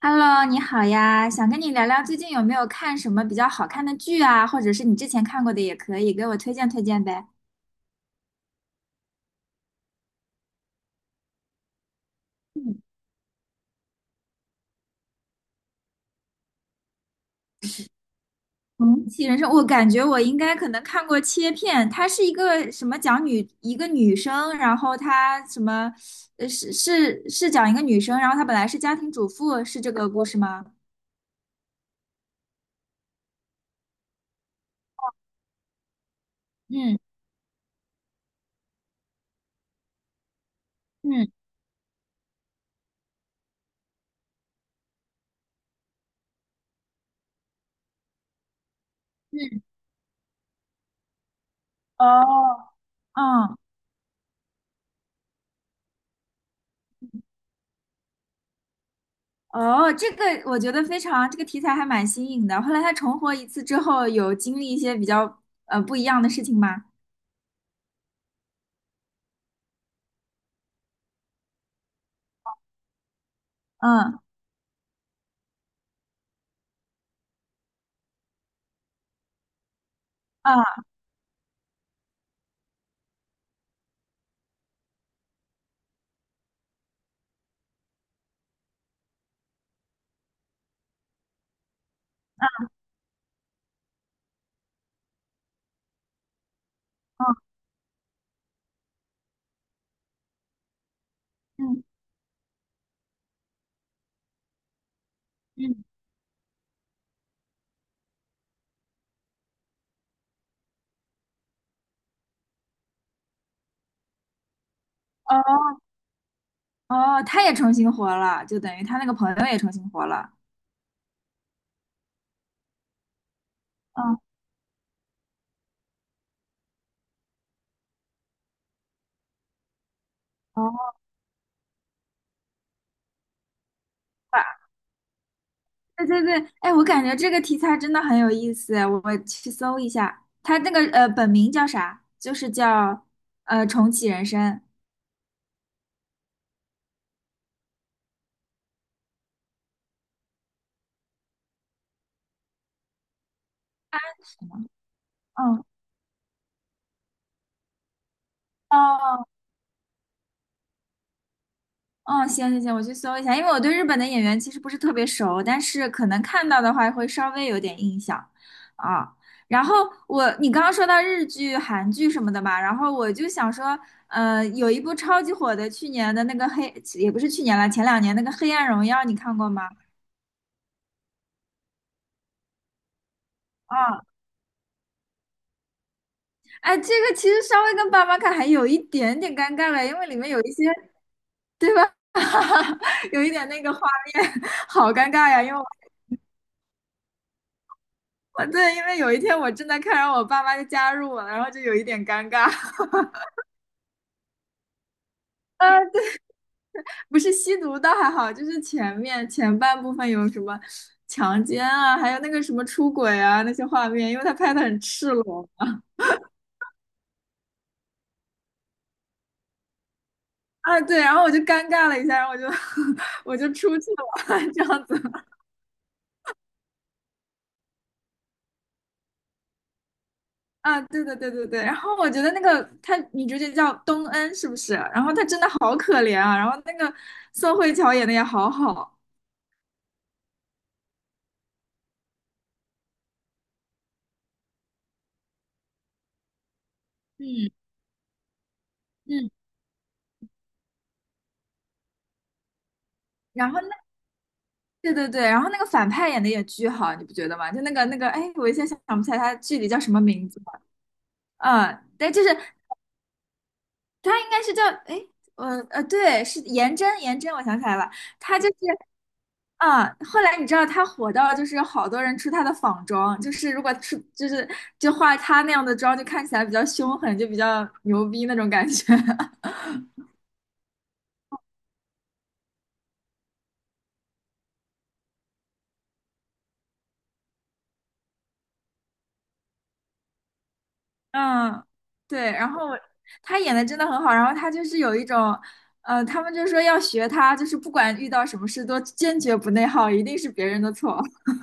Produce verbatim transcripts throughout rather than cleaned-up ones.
Hello，你好呀，想跟你聊聊最近有没有看什么比较好看的剧啊，或者是你之前看过的也可以，给我推荐推荐呗。嗯，重启人生，我感觉我应该可能看过切片，它是一个什么讲女一个女生，然后她什么，呃，是是是讲一个女生，然后她本来是家庭主妇，是这个故事吗？嗯嗯嗯，哦，嗯，哦，这个我觉得非常，这个题材还蛮新颖的。后来他重活一次之后，有经历一些比较呃不一样的事情吗？嗯啊啊嗯嗯，哦哦，他也重新活了，就等于他那个朋友也重新活了。嗯哦，对对对，哎，我感觉这个题材真的很有意思，我我去搜一下。他那个呃本名叫啥？就是叫呃重启人生。是吗嗯哦嗯，行行行，我去搜一下，因为我对日本的演员其实不是特别熟，但是可能看到的话会稍微有点印象啊。然后我，你刚刚说到日剧、韩剧什么的嘛，然后我就想说，呃，有一部超级火的，去年的那个黑，也不是去年了，前两年那个《黑暗荣耀》，你看过吗？啊，哎，这个其实稍微跟爸妈看还有一点点尴尬了，因为里面有一些 有一点那个画面，好尴尬呀，因为。我对，因为有一天我正在看，然后我爸妈就加入我了，然后就有一点尴尬。不是吸毒倒还好，就是前面前半部分有什么强奸啊，还有那个什么出轨啊那些画面，因为他拍的很赤裸啊，对，然后我就尴尬了一下，然后我就 我就出去了，这样子啊，对对对对对。然后我觉得那个他女主角叫东恩是不是？然后她真的好可怜啊，然后那个宋慧乔演的也好好，嗯嗯。然后对对对，然后那个反派演的也巨好，你不觉得吗？就那个那个，哎，我一下想不起来他具体叫什么名字了。嗯，但就是他应该是叫，哎，呃呃，对，是颜真，颜真，我想起来了，他就是，嗯，后来你知道他火到就是有好多人出他的仿妆，就是如果出就是就化他那样的妆，就看起来比较凶狠，就比较牛逼那种感觉。嗯，对，然后我他演的真的很好，然后他就是有一种，呃，他们就说要学他，就是不管遇到什么事都坚决不内耗，一定是别人的错。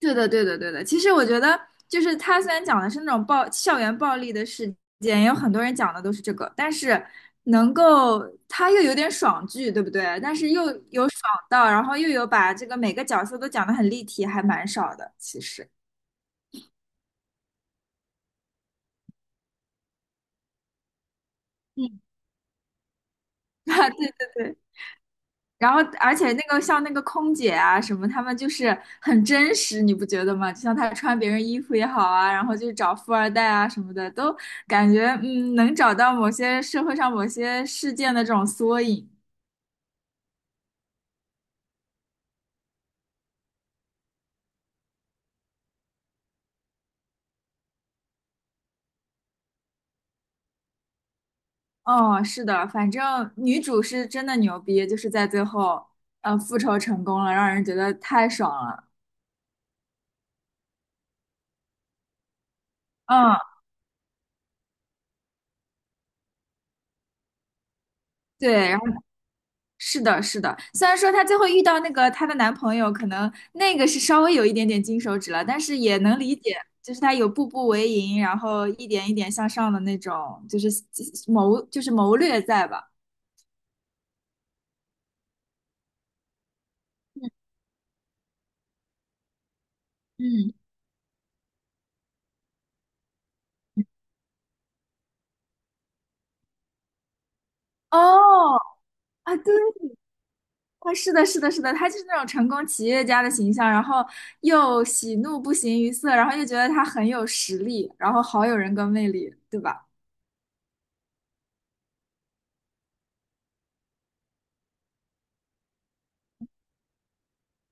对的，对的，对的。其实我觉得，就是他虽然讲的是那种暴校园暴力的事件，也有很多人讲的都是这个，但是能够他又有点爽剧，对不对？但是又有爽到，然后又有把这个每个角色都讲得很立体，还蛮少的，其实。嗯，啊，对对对。然后而且那个像那个空姐啊什么，他们就是很真实，你不觉得吗？就像她穿别人衣服也好啊，然后就找富二代啊什么的，都感觉嗯能找到某些社会上某些事件的这种缩影。哦，是的，反正女主是真的牛逼，就是在最后，呃，复仇成功了，让人觉得太爽了。嗯，对，是的，是的，虽然说她最后遇到那个她的男朋友，可能那个是稍微有一点点金手指了，但是也能理解，就是她有步步为营，然后一点一点向上的那种，就是谋，就是谋略在吧？嗯，哦，啊，对，啊，是的，是的，是的，她就是那种成功企业家的形象，然后又喜怒不形于色，然后又觉得她很有实力，然后好有人格魅力，对吧？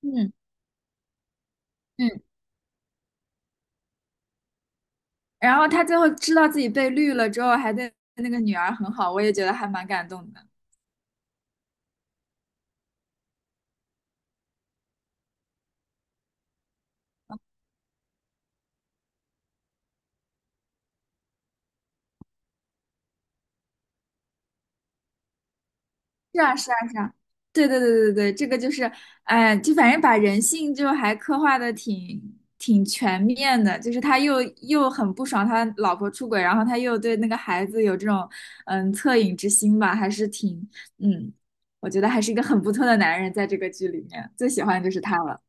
嗯嗯。然后他最后知道自己被绿了之后，还对那个女儿很好，我也觉得还蛮感动的。是啊，是啊，是啊，对对对对对，这个就是，哎，就反正把人性就还刻画的挺挺全面的，就是他又又很不爽他老婆出轨，然后他又对那个孩子有这种嗯恻隐之心吧，还是挺嗯，我觉得还是一个很不错的男人，在这个剧里面最喜欢就是他了。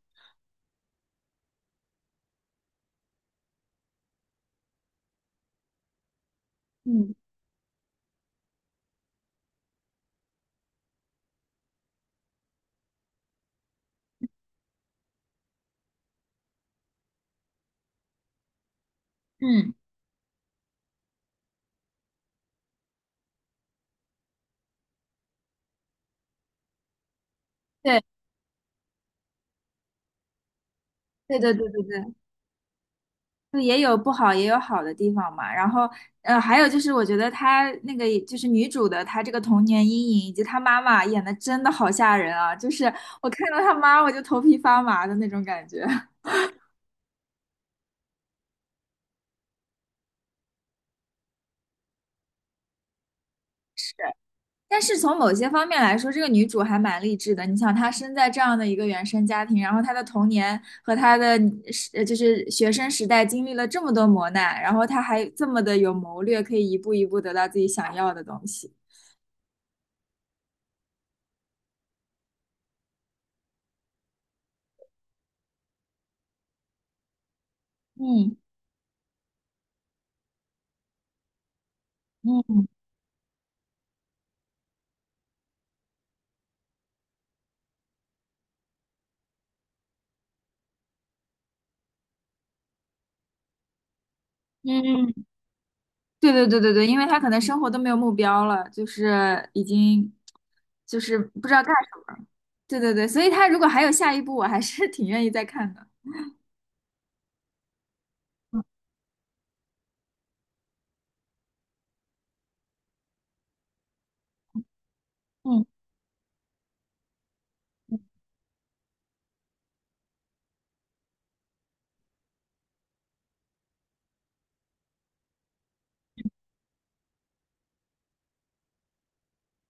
嗯嗯，对对对对对对。就也有不好，也有好的地方嘛。然后，呃，还有就是，我觉得她那个就是女主的，她这个童年阴影以及她妈妈演的真的好吓人啊！就是我看到她妈，我就头皮发麻的那种感觉。是，但是从某些方面来说，这个女主还蛮励志的。你想，她生在这样的一个原生家庭，然后她的童年和她的呃就是学生时代经历了这么多磨难，然后她还这么的有谋略，可以一步一步得到自己想要的东西。嗯嗯嗯。对对对对对，因为他可能生活都没有目标了，就是已经就是不知道干什么。对对对，所以他如果还有下一步，我还是 挺愿意再看的。嗯，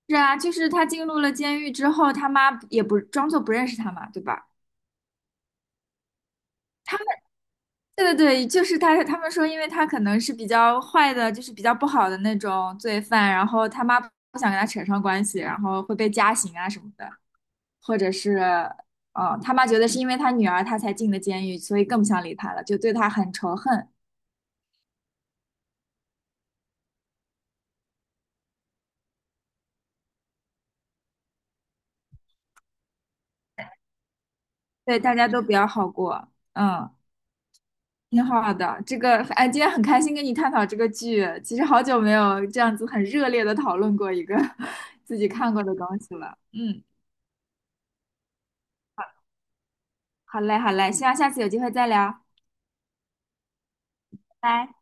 是啊，就是他进入了监狱之后，他妈也不装作不认识他嘛，对吧？他们对对对，就是他他们说，因为他可能是比较坏的，就是比较不好的那种罪犯，然后他妈不想跟他扯上关系，然后会被加刑啊什么的。或者是，嗯，他妈觉得是因为他女儿他才进的监狱，所以更不想理他了，就对他很仇恨。对，大家都比较好过，嗯，挺好的。这个，哎，今天很开心跟你探讨这个剧，其实好久没有这样子很热烈的讨论过一个 自己看过的东西了。嗯，好嘞，好嘞，希望下次有机会再聊，拜拜。